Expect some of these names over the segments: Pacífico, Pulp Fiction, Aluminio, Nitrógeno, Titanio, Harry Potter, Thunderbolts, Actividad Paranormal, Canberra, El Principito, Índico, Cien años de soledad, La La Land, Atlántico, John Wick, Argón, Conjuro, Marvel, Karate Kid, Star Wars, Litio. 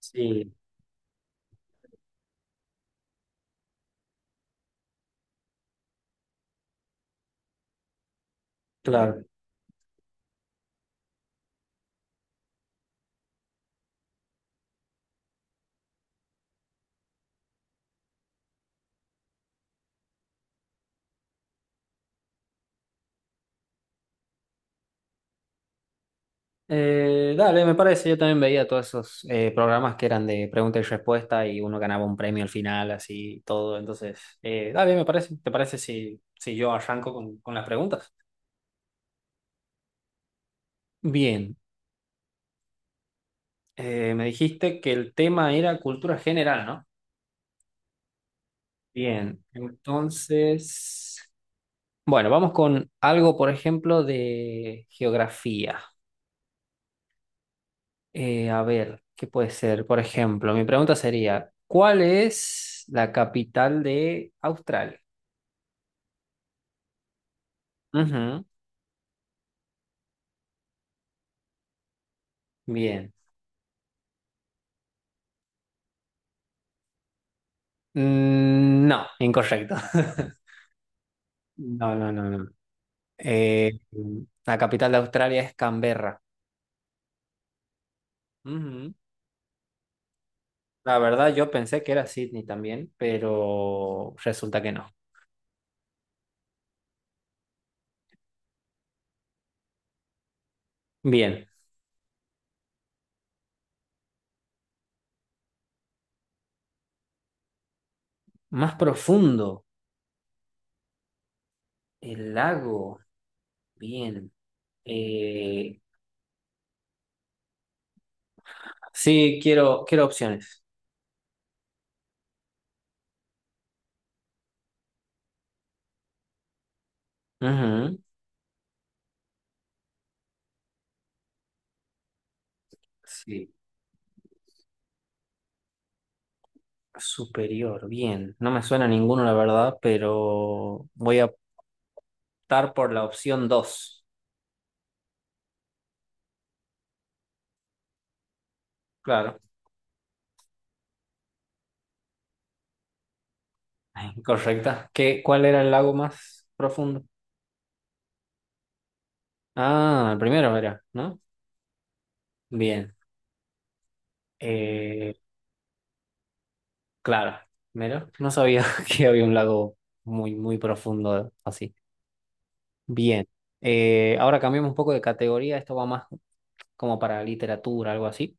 Sí, claro. Dale, me parece, yo también veía todos esos programas que eran de pregunta y respuesta y uno ganaba un premio al final, así y todo. Entonces, dale, me parece. ¿Te parece si yo arranco con las preguntas? Bien, me dijiste que el tema era cultura general, ¿no? Bien, entonces, bueno, vamos con algo, por ejemplo, de geografía. A ver, ¿qué puede ser? Por ejemplo, mi pregunta sería, ¿cuál es la capital de Australia? Ujú. Bien. Mm, no, incorrecto. No, no, no, no. Eh, la capital de Australia es Canberra. Ujú. La verdad, yo pensé que era Sydney también, pero resulta que no. Bien. Más profundo, el lago. Bien. Eh, sí, quiero opciones. Ujú. Sí. Superior, bien. No me suena ninguno, la verdad, pero voy a optar por la opción dos. Claro, correcta. ¿Cuál era el lago más profundo? Ah, el primero era, ¿no? Bien. Eh, claro, mira, no sabía que había un lago muy, muy profundo así. Bien. Ahora cambiamos un poco de categoría. Esto va más como para literatura, algo así.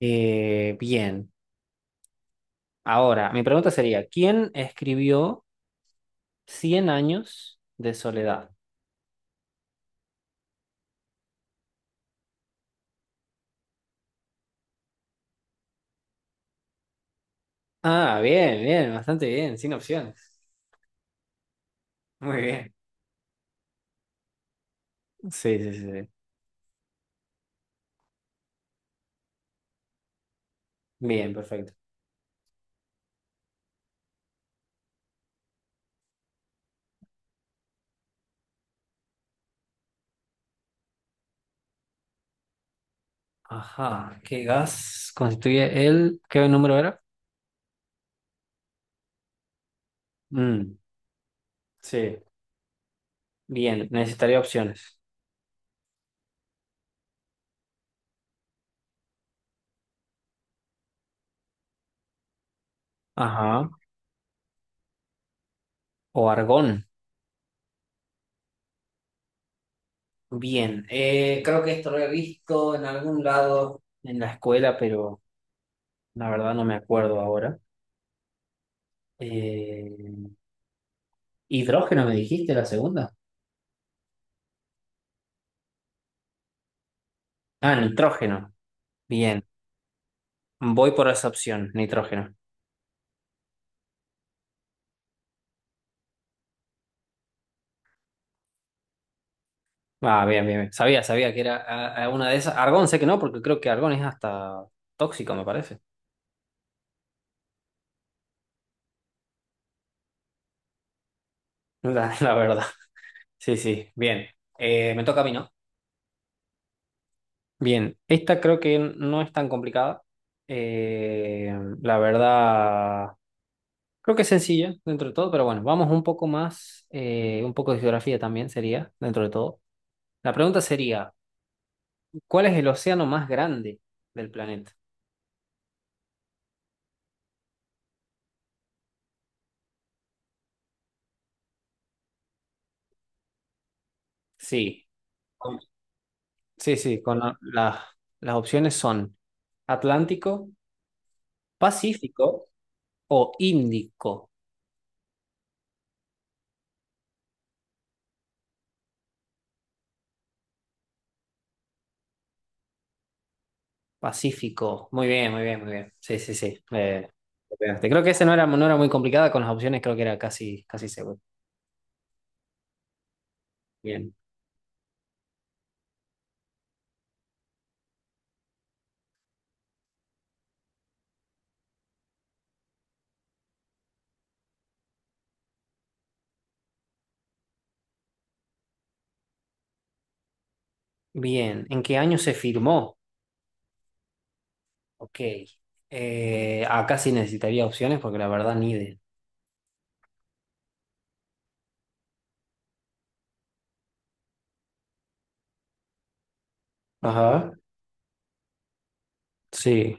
Bien. Ahora, mi pregunta sería, ¿quién escribió Cien años de soledad? Ah, bien, bien, bastante bien, sin opciones. Muy bien. Sí, sí, sí, sí. Bien, perfecto. Ajá, ¿qué gas constituye el? ¿Qué número era? Mm, sí, bien, necesitaría opciones. Ajá. O argón. Bien, creo que esto lo he visto en algún lado en la escuela, pero la verdad no me acuerdo ahora. Eh, ¿Hidrógeno me dijiste la segunda? Ah, nitrógeno. Bien, voy por esa opción, nitrógeno. Ah, bien, bien, bien. Sabía que era una de esas. Argón sé que no, porque creo que Argón es hasta tóxico, me parece. La verdad. Sí, sí, bien. Me toca a mí, ¿no? Bien, esta creo que no es tan complicada. Eh, la verdad, creo que es sencilla dentro de todo, pero bueno, vamos un poco más, un poco de geografía también sería dentro de todo. La pregunta sería, ¿cuál es el océano más grande del planeta? Sí. Sí, sí, las opciones son Atlántico, Pacífico o Índico. Pacífico. Muy bien, muy bien, muy bien. Sí, sí, sí. Le pegaste. Creo que esa no era, no era muy complicada con las opciones, creo que era casi, casi seguro. Bien. Bien. ¿En qué año se firmó? Ok. Acá sí necesitaría opciones porque la verdad ni de. Ajá. Sí.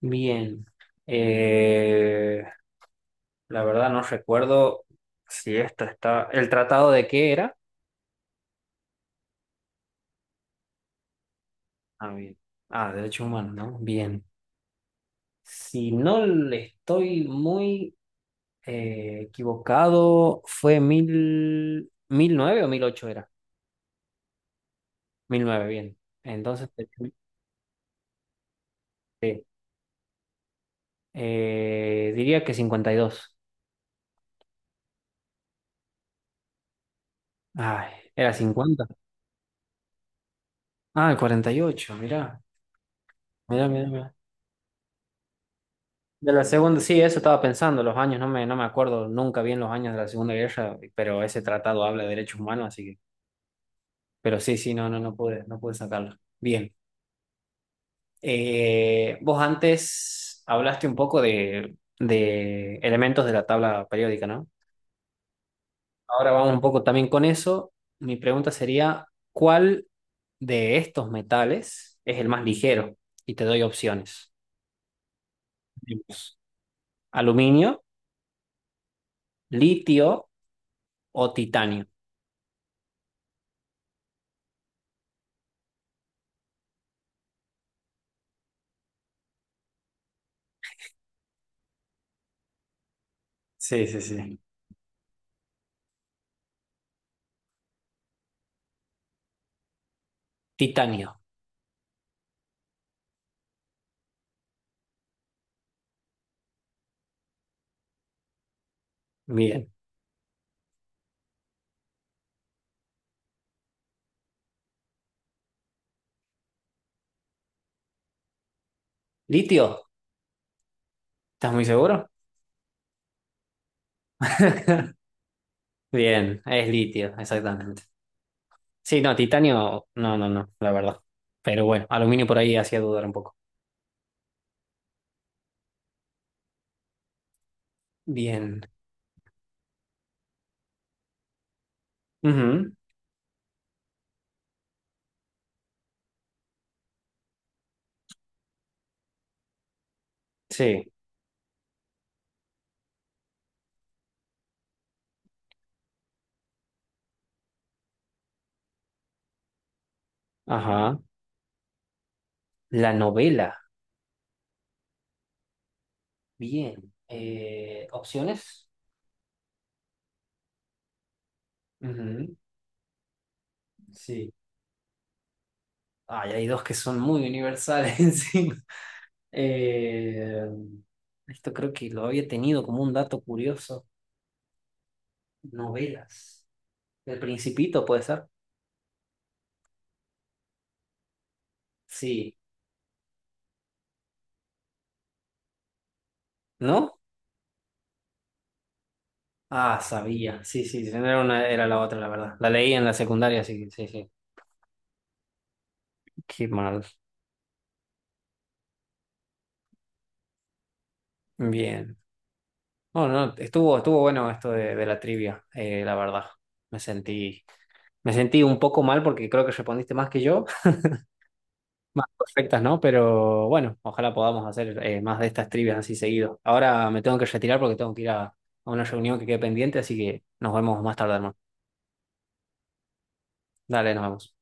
Bien. Eh, la verdad no recuerdo si esto está. ¿El tratado de qué era? Ah, bien. Ah, derechos humanos, ¿no? Bien. Si no le estoy muy equivocado, fue mil nueve o mil ocho era. Mil nueve, bien. Entonces, sí. Diría que 52. Ay, era 50. Ah, el 48, mirá. Mirá, mirá, mirá. De la segunda, sí, eso estaba pensando, los años, no me acuerdo nunca bien los años de la Segunda Guerra, pero ese tratado habla de derechos humanos, así que. Pero sí, sí, no, no, no pude sacarlo. Bien. Vos antes hablaste un poco de elementos de la tabla periódica, ¿no? Ahora vamos un poco también con eso. Mi pregunta sería, ¿cuál de estos metales es el más ligero? Y te doy opciones. Tenemos aluminio, litio o titanio. Sí, sí, sí. Titanio. Bien. ¿Litio? ¿Estás muy seguro? Bien, es litio, exactamente. Sí, no, titanio, no, no, no, la verdad. Pero bueno, aluminio por ahí hacía dudar un poco. Bien. Ujú. Sí, ajá. La novela, bien. Opciones. Ujú. Sí. Ay, hay dos que son muy universales encima. Eh, Esto creo que lo había tenido como un dato curioso. Novelas. El Principito puede ser. Sí, ¿no? Ah, sabía. Sí, sí, sí, era la otra, la verdad. La leí en la secundaria, sí, sí, sí. Qué mal. Bien. No, no, estuvo bueno esto de la trivia, la verdad. Me sentí, me sentí un poco mal porque creo que respondiste más que yo. Más perfectas, ¿no? Pero bueno, ojalá podamos hacer más de estas trivias así seguido. Ahora me tengo que retirar porque tengo que ir a una reunión que quede pendiente, así que nos vemos más tarde, hermano. Dale, nos vemos.